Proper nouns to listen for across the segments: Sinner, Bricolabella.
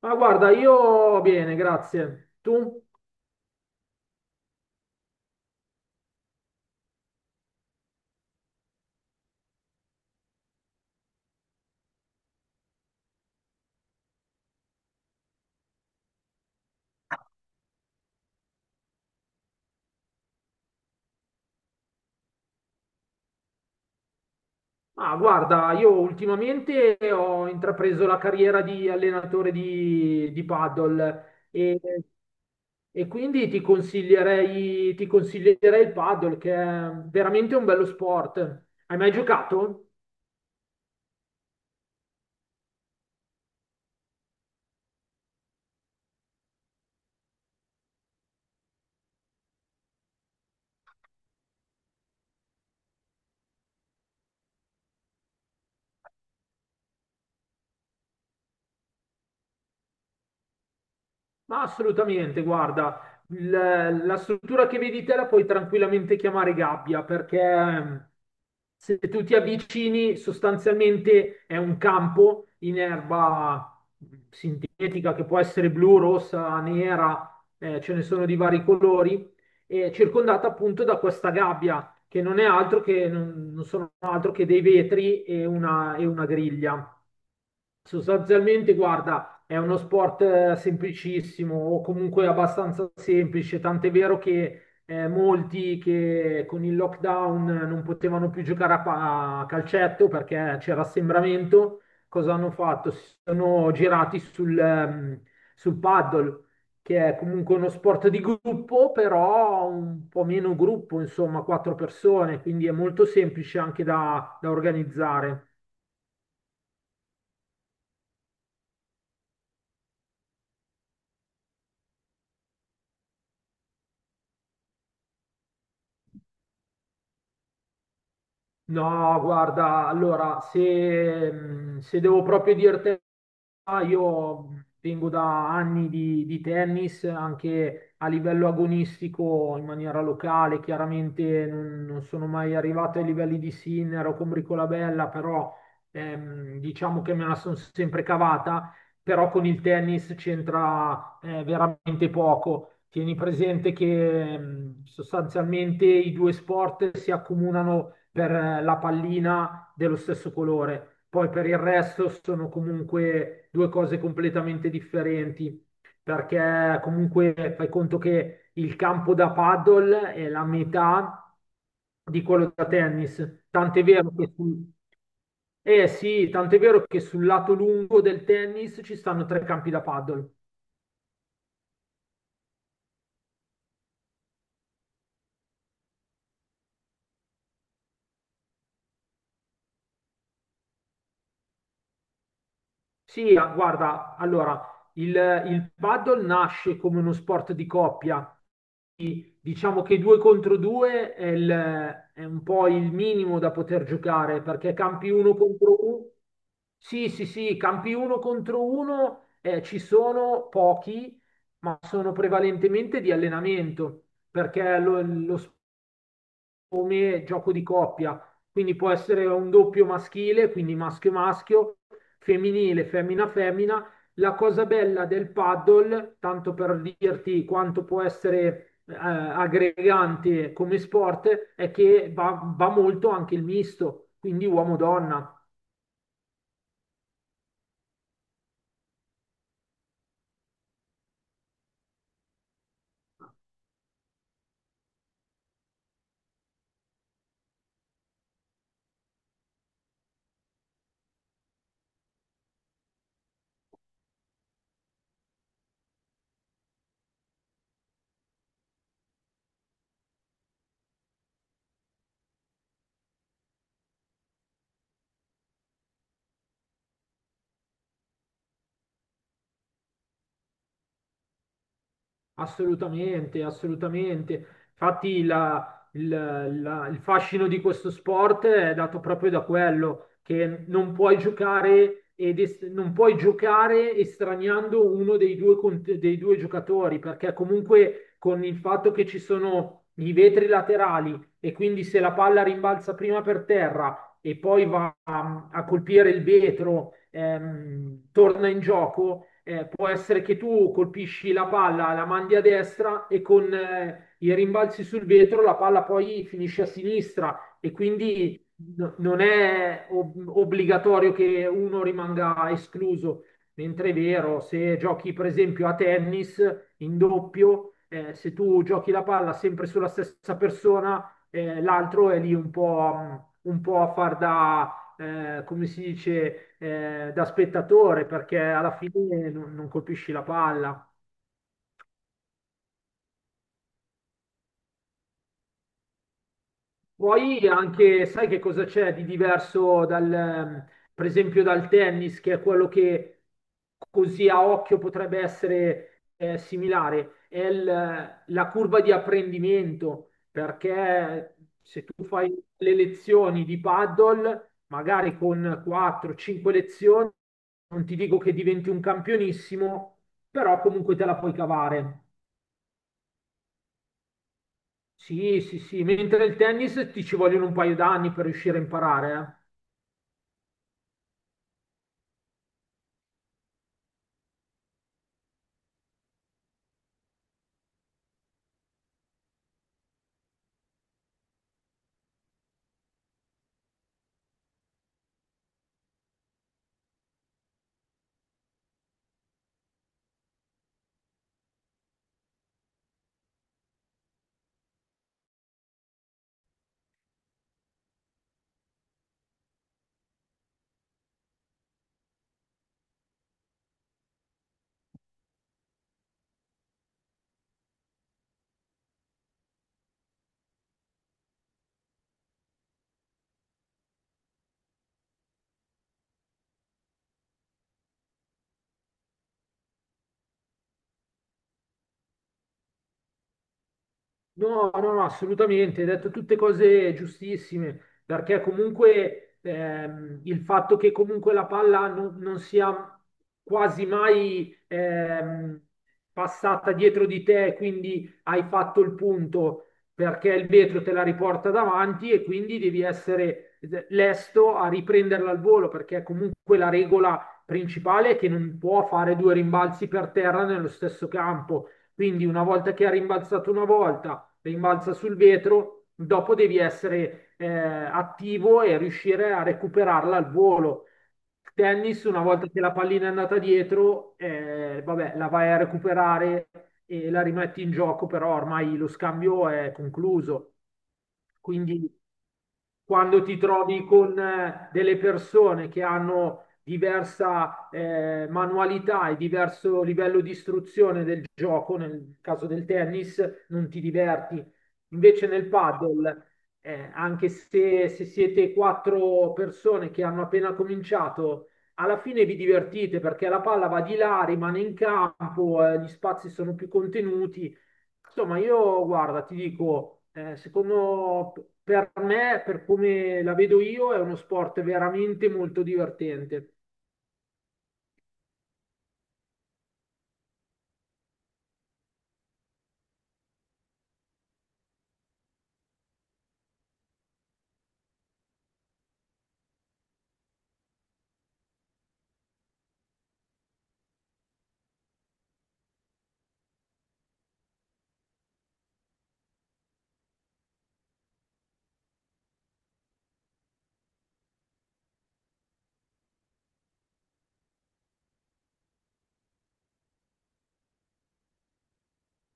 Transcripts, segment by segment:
Ma guarda, io bene, grazie. Tu? Ah, guarda, io ultimamente ho intrapreso la carriera di allenatore di paddle e quindi ti consiglierei il paddle che è veramente un bello sport. Hai mai giocato? Ma assolutamente, guarda, la struttura che vedi te la puoi tranquillamente chiamare gabbia perché se tu ti avvicini, sostanzialmente è un campo in erba sintetica che può essere blu, rossa, nera, ce ne sono di vari colori, e circondata appunto da questa gabbia che non sono altro che dei vetri e una griglia. Sostanzialmente, guarda, è uno sport semplicissimo o comunque abbastanza semplice, tant'è vero che molti che con il lockdown non potevano più giocare a calcetto perché c'era assembramento, cosa hanno fatto? Si sono girati sul paddle, che è comunque uno sport di gruppo, però un po' meno gruppo, insomma, quattro persone, quindi è molto semplice anche da organizzare. No, guarda, allora, se devo proprio dirti, io vengo da anni di tennis, anche a livello agonistico, in maniera locale, chiaramente non sono mai arrivato ai livelli di Sinner o con Bricolabella, però diciamo che me la sono sempre cavata, però con il tennis c'entra veramente poco. Tieni presente che sostanzialmente i due sport si accomunano per la pallina dello stesso colore, poi per il resto sono comunque due cose completamente differenti, perché comunque fai conto che il campo da paddle è la metà di quello da tennis, tant'è vero che eh sì, tant'è vero che sul lato lungo del tennis ci stanno tre campi da paddle. Sì, guarda, allora, il, il paddle nasce come uno sport di coppia. Diciamo che due contro due è un po' il minimo da poter giocare, perché campi uno contro uno. Sì, sì, sì, campi uno contro uno ci sono pochi, ma sono prevalentemente di allenamento, perché lo come gioco di coppia, quindi può essere un doppio maschile, quindi maschio maschio, femminile, femmina femmina. La cosa bella del paddle, tanto per dirti quanto può essere aggregante come sport, è che va, va molto anche il misto, quindi uomo-donna. Assolutamente, assolutamente. Infatti il fascino di questo sport è dato proprio da quello, che non puoi giocare, non puoi giocare estraniando uno dei due, dei due giocatori, perché comunque con il fatto che ci sono i vetri laterali e quindi se la palla rimbalza prima per terra e poi va a colpire il vetro torna in gioco, può essere che tu colpisci la palla, la mandi a destra e con i rimbalzi sul vetro la palla poi finisce a sinistra e quindi non è obbligatorio che uno rimanga escluso. Mentre è vero, se giochi per esempio a tennis in doppio, se tu giochi la palla sempre sulla stessa persona, l'altro è lì un po' a far da come si dice, da spettatore, perché alla fine non colpisci la palla. Poi anche, sai che cosa c'è di diverso per esempio dal tennis, che è quello che così a occhio potrebbe essere similare, è la curva di apprendimento, perché se tu fai le lezioni di paddle, magari con 4-5 lezioni, non ti dico che diventi un campionissimo, però comunque te la puoi cavare. Sì, sì, sì, mentre il tennis ti ci vogliono un paio d'anni per riuscire a imparare, eh. No, no, no, assolutamente, hai detto tutte cose giustissime, perché comunque il fatto che comunque la palla non sia quasi mai passata dietro di te, quindi hai fatto il punto, perché il vetro te la riporta davanti e quindi devi essere lesto a riprenderla al volo, perché comunque la regola principale è che non può fare due rimbalzi per terra nello stesso campo, quindi una volta che ha rimbalzato una volta rimbalza sul vetro, dopo devi essere attivo e riuscire a recuperarla al volo. Tennis, una volta che la pallina è andata dietro, vabbè, la vai a recuperare e la rimetti in gioco, però ormai lo scambio è concluso. Quindi quando ti trovi con delle persone che hanno diversa manualità e diverso livello di istruzione del gioco, nel caso del tennis, non ti diverti. Invece nel padel, anche se siete quattro persone che hanno appena cominciato, alla fine vi divertite perché la palla va di là, rimane in campo, gli spazi sono più contenuti. Insomma, io guarda, ti dico, secondo per me, per come la vedo io, è uno sport veramente molto divertente.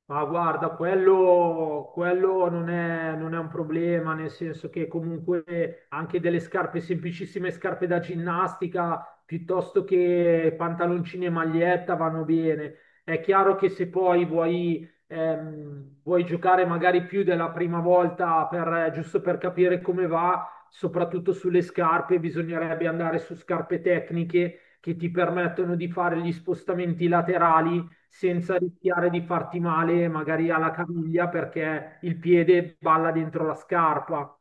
Ma guarda, quello non è un problema, nel senso che comunque anche delle scarpe, semplicissime scarpe da ginnastica, piuttosto che pantaloncini e maglietta vanno bene. È chiaro che se poi vuoi, vuoi giocare magari più della prima volta giusto per capire come va, soprattutto sulle scarpe, bisognerebbe andare su scarpe tecniche che ti permettono di fare gli spostamenti laterali senza rischiare di farti male magari alla caviglia perché il piede balla dentro la scarpa.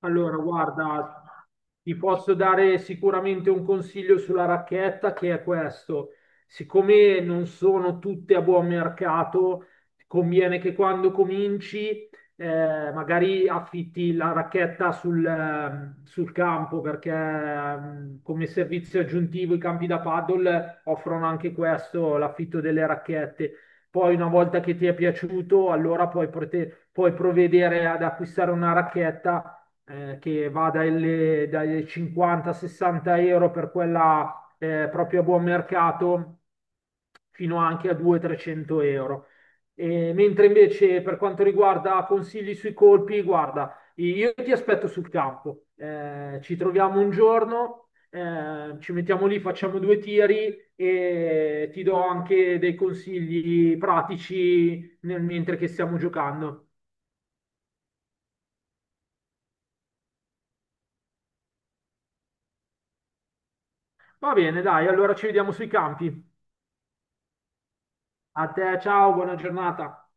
Allora, guarda, ti posso dare sicuramente un consiglio sulla racchetta che è questo. Siccome non sono tutte a buon mercato, conviene che quando cominci magari affitti la racchetta sul campo perché come servizio aggiuntivo i campi da paddle offrono anche questo, l'affitto delle racchette. Poi una volta che ti è piaciuto, allora puoi provvedere ad acquistare una racchetta che va dai 50-60 euro per quella proprio a buon mercato, fino anche a 200-300 euro. E mentre invece per quanto riguarda consigli sui colpi, guarda, io ti aspetto sul campo. Ci troviamo un giorno, ci mettiamo lì, facciamo due tiri e ti do anche dei consigli pratici mentre che stiamo giocando. Va bene, dai, allora ci vediamo sui campi. A te, ciao, buona giornata.